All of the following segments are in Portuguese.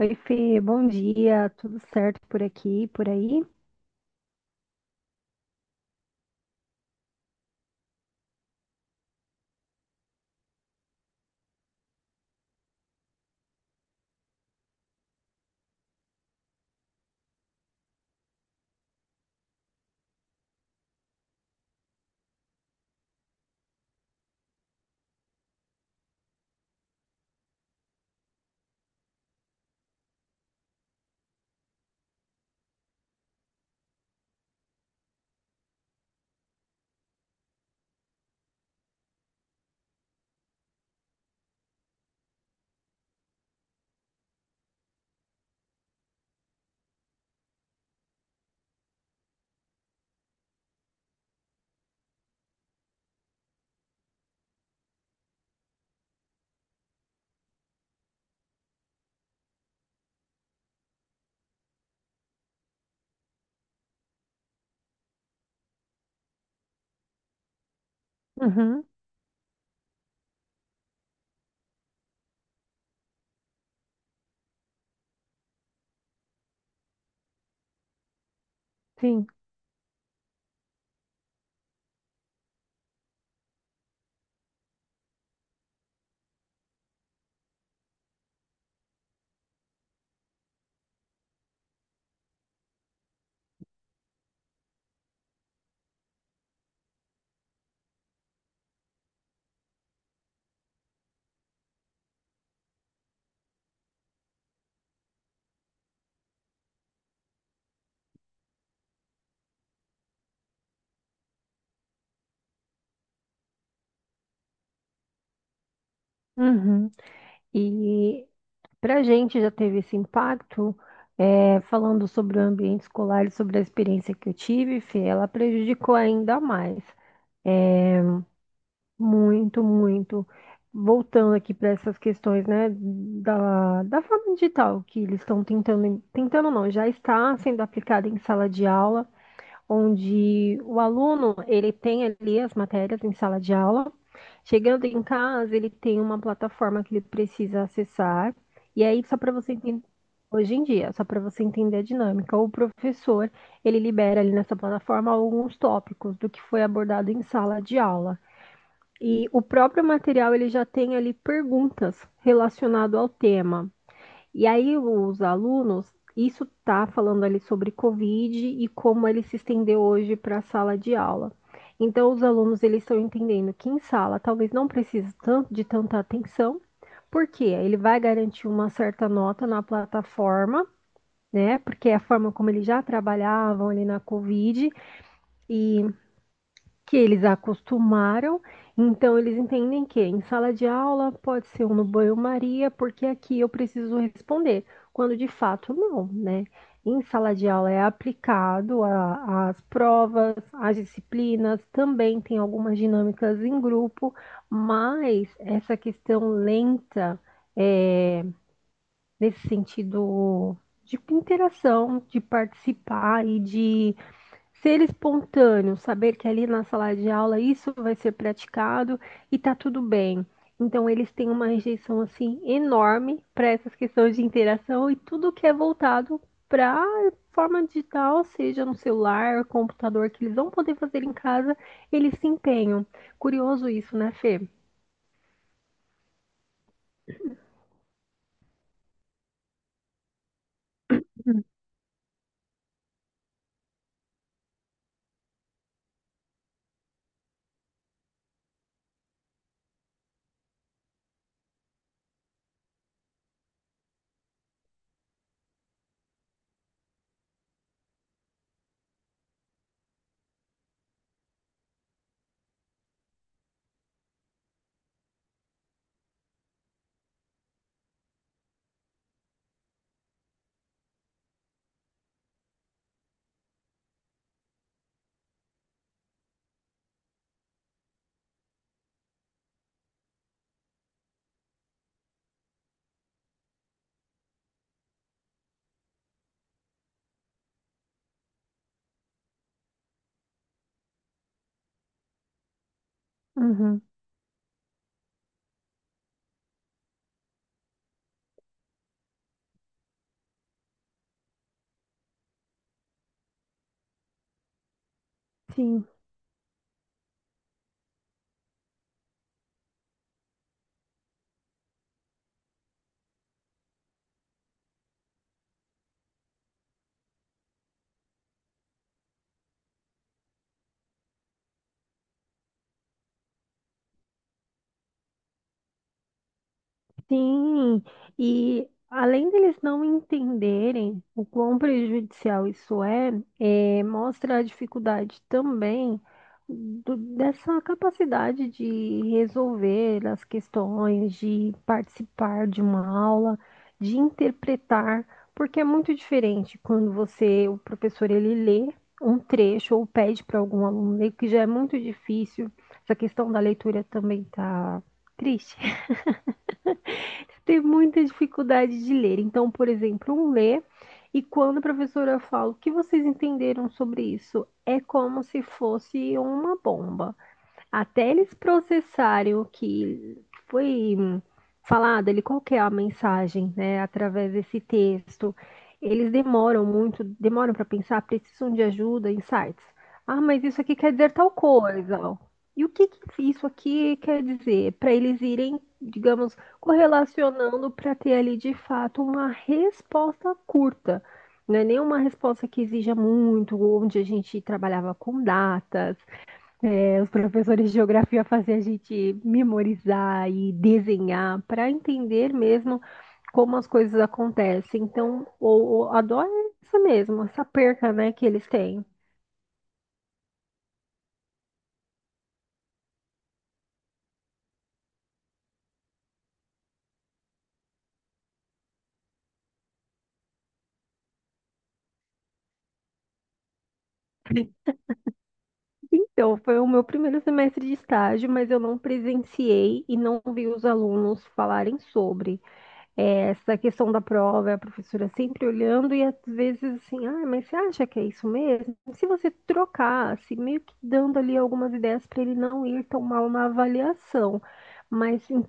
Oi, Fê, bom dia, tudo certo por aqui, por aí? Uhum, sim. Uhum. E para a gente já teve esse impacto, falando sobre o ambiente escolar e sobre a experiência que eu tive, Fê, ela prejudicou ainda mais, muito, muito. Voltando aqui para essas questões, né, da forma digital que eles estão tentando, tentando não, já está sendo aplicada em sala de aula, onde o aluno ele tem ali as matérias em sala de aula. Chegando em casa, ele tem uma plataforma que ele precisa acessar. E aí, só para você entender, hoje em dia, só para você entender a dinâmica, o professor ele libera ali nessa plataforma alguns tópicos do que foi abordado em sala de aula. E o próprio material ele já tem ali perguntas relacionado ao tema. E aí os alunos, isso está falando ali sobre Covid e como ele se estendeu hoje para a sala de aula. Então os alunos eles estão entendendo que em sala talvez não precise tanto de tanta atenção, porque ele vai garantir uma certa nota na plataforma, né? Porque é a forma como eles já trabalhavam ali na Covid e que eles acostumaram, então eles entendem que em sala de aula pode ser um no banho-maria, porque aqui eu preciso responder, quando de fato não, né? Em sala de aula é aplicado às provas, às disciplinas, também tem algumas dinâmicas em grupo, mas essa questão lenta, é, nesse sentido de interação, de participar e de ser espontâneo, saber que ali na sala de aula isso vai ser praticado e tá tudo bem. Então eles têm uma rejeição assim enorme para essas questões de interação e tudo que é voltado para forma digital, seja no celular, computador que eles vão poder fazer em casa, eles se empenham. Curioso isso, né, Fê? Uhum, sim. Sim, e além deles não entenderem o quão prejudicial isso é, mostra a dificuldade também dessa capacidade de resolver as questões, de participar de uma aula, de interpretar, porque é muito diferente quando você, o professor, ele lê um trecho ou pede para algum aluno ler, que já é muito difícil. Essa questão da leitura também tá triste, ter muita dificuldade de ler. Então, por exemplo, um lê e quando a professora fala o que vocês entenderam sobre isso, é como se fosse uma bomba. Até eles processarem o que foi falado ali, qual que é a mensagem, né, através desse texto. Eles demoram muito, demoram para pensar, precisam de ajuda, insights. Ah, mas isso aqui quer dizer tal coisa. E o que que isso aqui quer dizer? Para eles irem, digamos, correlacionando para ter ali de fato uma resposta curta. Não é nenhuma resposta que exija muito, onde a gente trabalhava com datas, os professores de geografia faziam a gente memorizar e desenhar para entender mesmo como as coisas acontecem. Então, a dó é essa mesmo, essa perca, né, que eles têm. Então, foi o meu primeiro semestre de estágio, mas eu não presenciei e não vi os alunos falarem sobre. É, essa questão da prova, é a professora sempre olhando e às vezes assim, ah, mas você acha que é isso mesmo? Se você trocasse, meio que dando ali algumas ideias para ele não ir tão mal na avaliação. Mas em-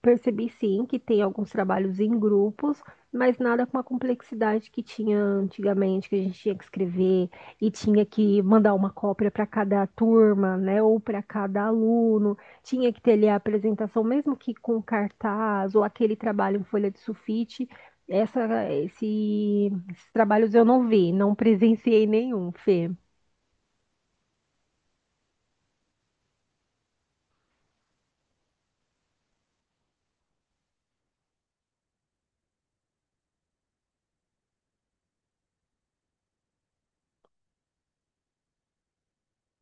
Percebi sim que tem alguns trabalhos em grupos, mas nada com a complexidade que tinha antigamente, que a gente tinha que escrever e tinha que mandar uma cópia para cada turma, né, ou para cada aluno, tinha que ter ali a apresentação, mesmo que com cartaz ou aquele trabalho em folha de sulfite, esses trabalhos eu não vi, não presenciei nenhum, Fê.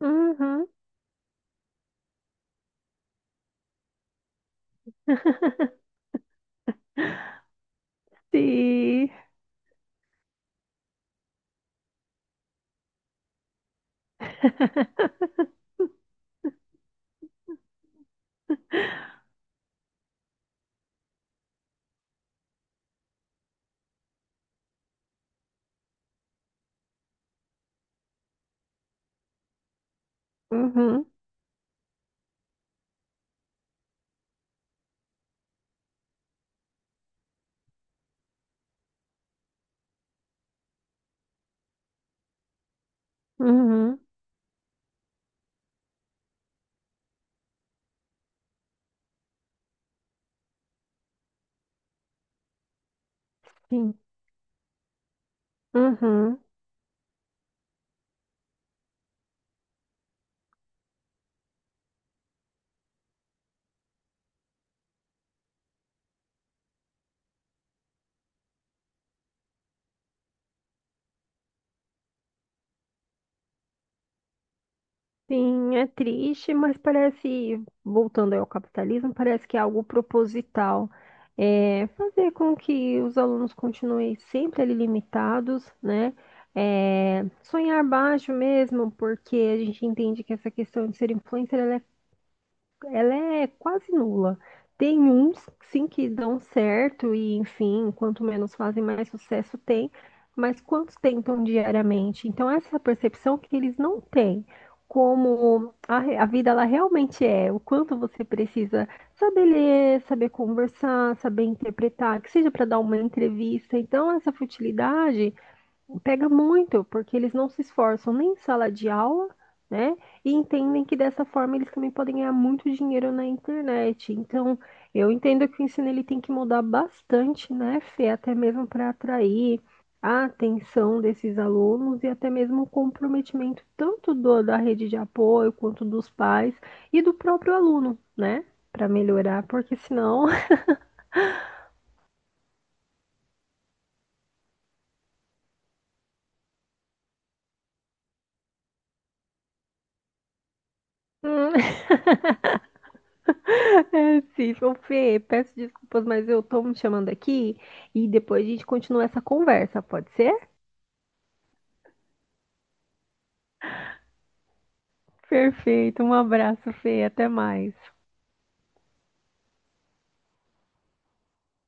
Uhum, sim. Uhum, uhum, sim. Uhum. Sim, é triste, mas parece, voltando aí ao capitalismo, parece que é algo proposital. É fazer com que os alunos continuem sempre ali limitados, né? É, sonhar baixo mesmo, porque a gente entende que essa questão de ser influencer, ela é quase nula. Tem uns, sim, que dão certo e, enfim, quanto menos fazem, mais sucesso tem, mas quantos tentam diariamente? Então, essa é a percepção que eles não têm, como a vida ela realmente é, o quanto você precisa saber ler, saber conversar, saber interpretar, que seja para dar uma entrevista. Então, essa futilidade pega muito, porque eles não se esforçam nem em sala de aula, né? E entendem que dessa forma eles também podem ganhar muito dinheiro na internet. Então, eu entendo que o ensino ele tem que mudar bastante, né, Fê? Até mesmo para atrair a atenção desses alunos e até mesmo o comprometimento tanto da rede de apoio quanto dos pais e do próprio aluno, né? Para melhorar, porque senão Sim, ô Fê, peço desculpas, mas eu tô me chamando aqui e depois a gente continua essa conversa, pode ser? Perfeito, um abraço, Fê, até mais.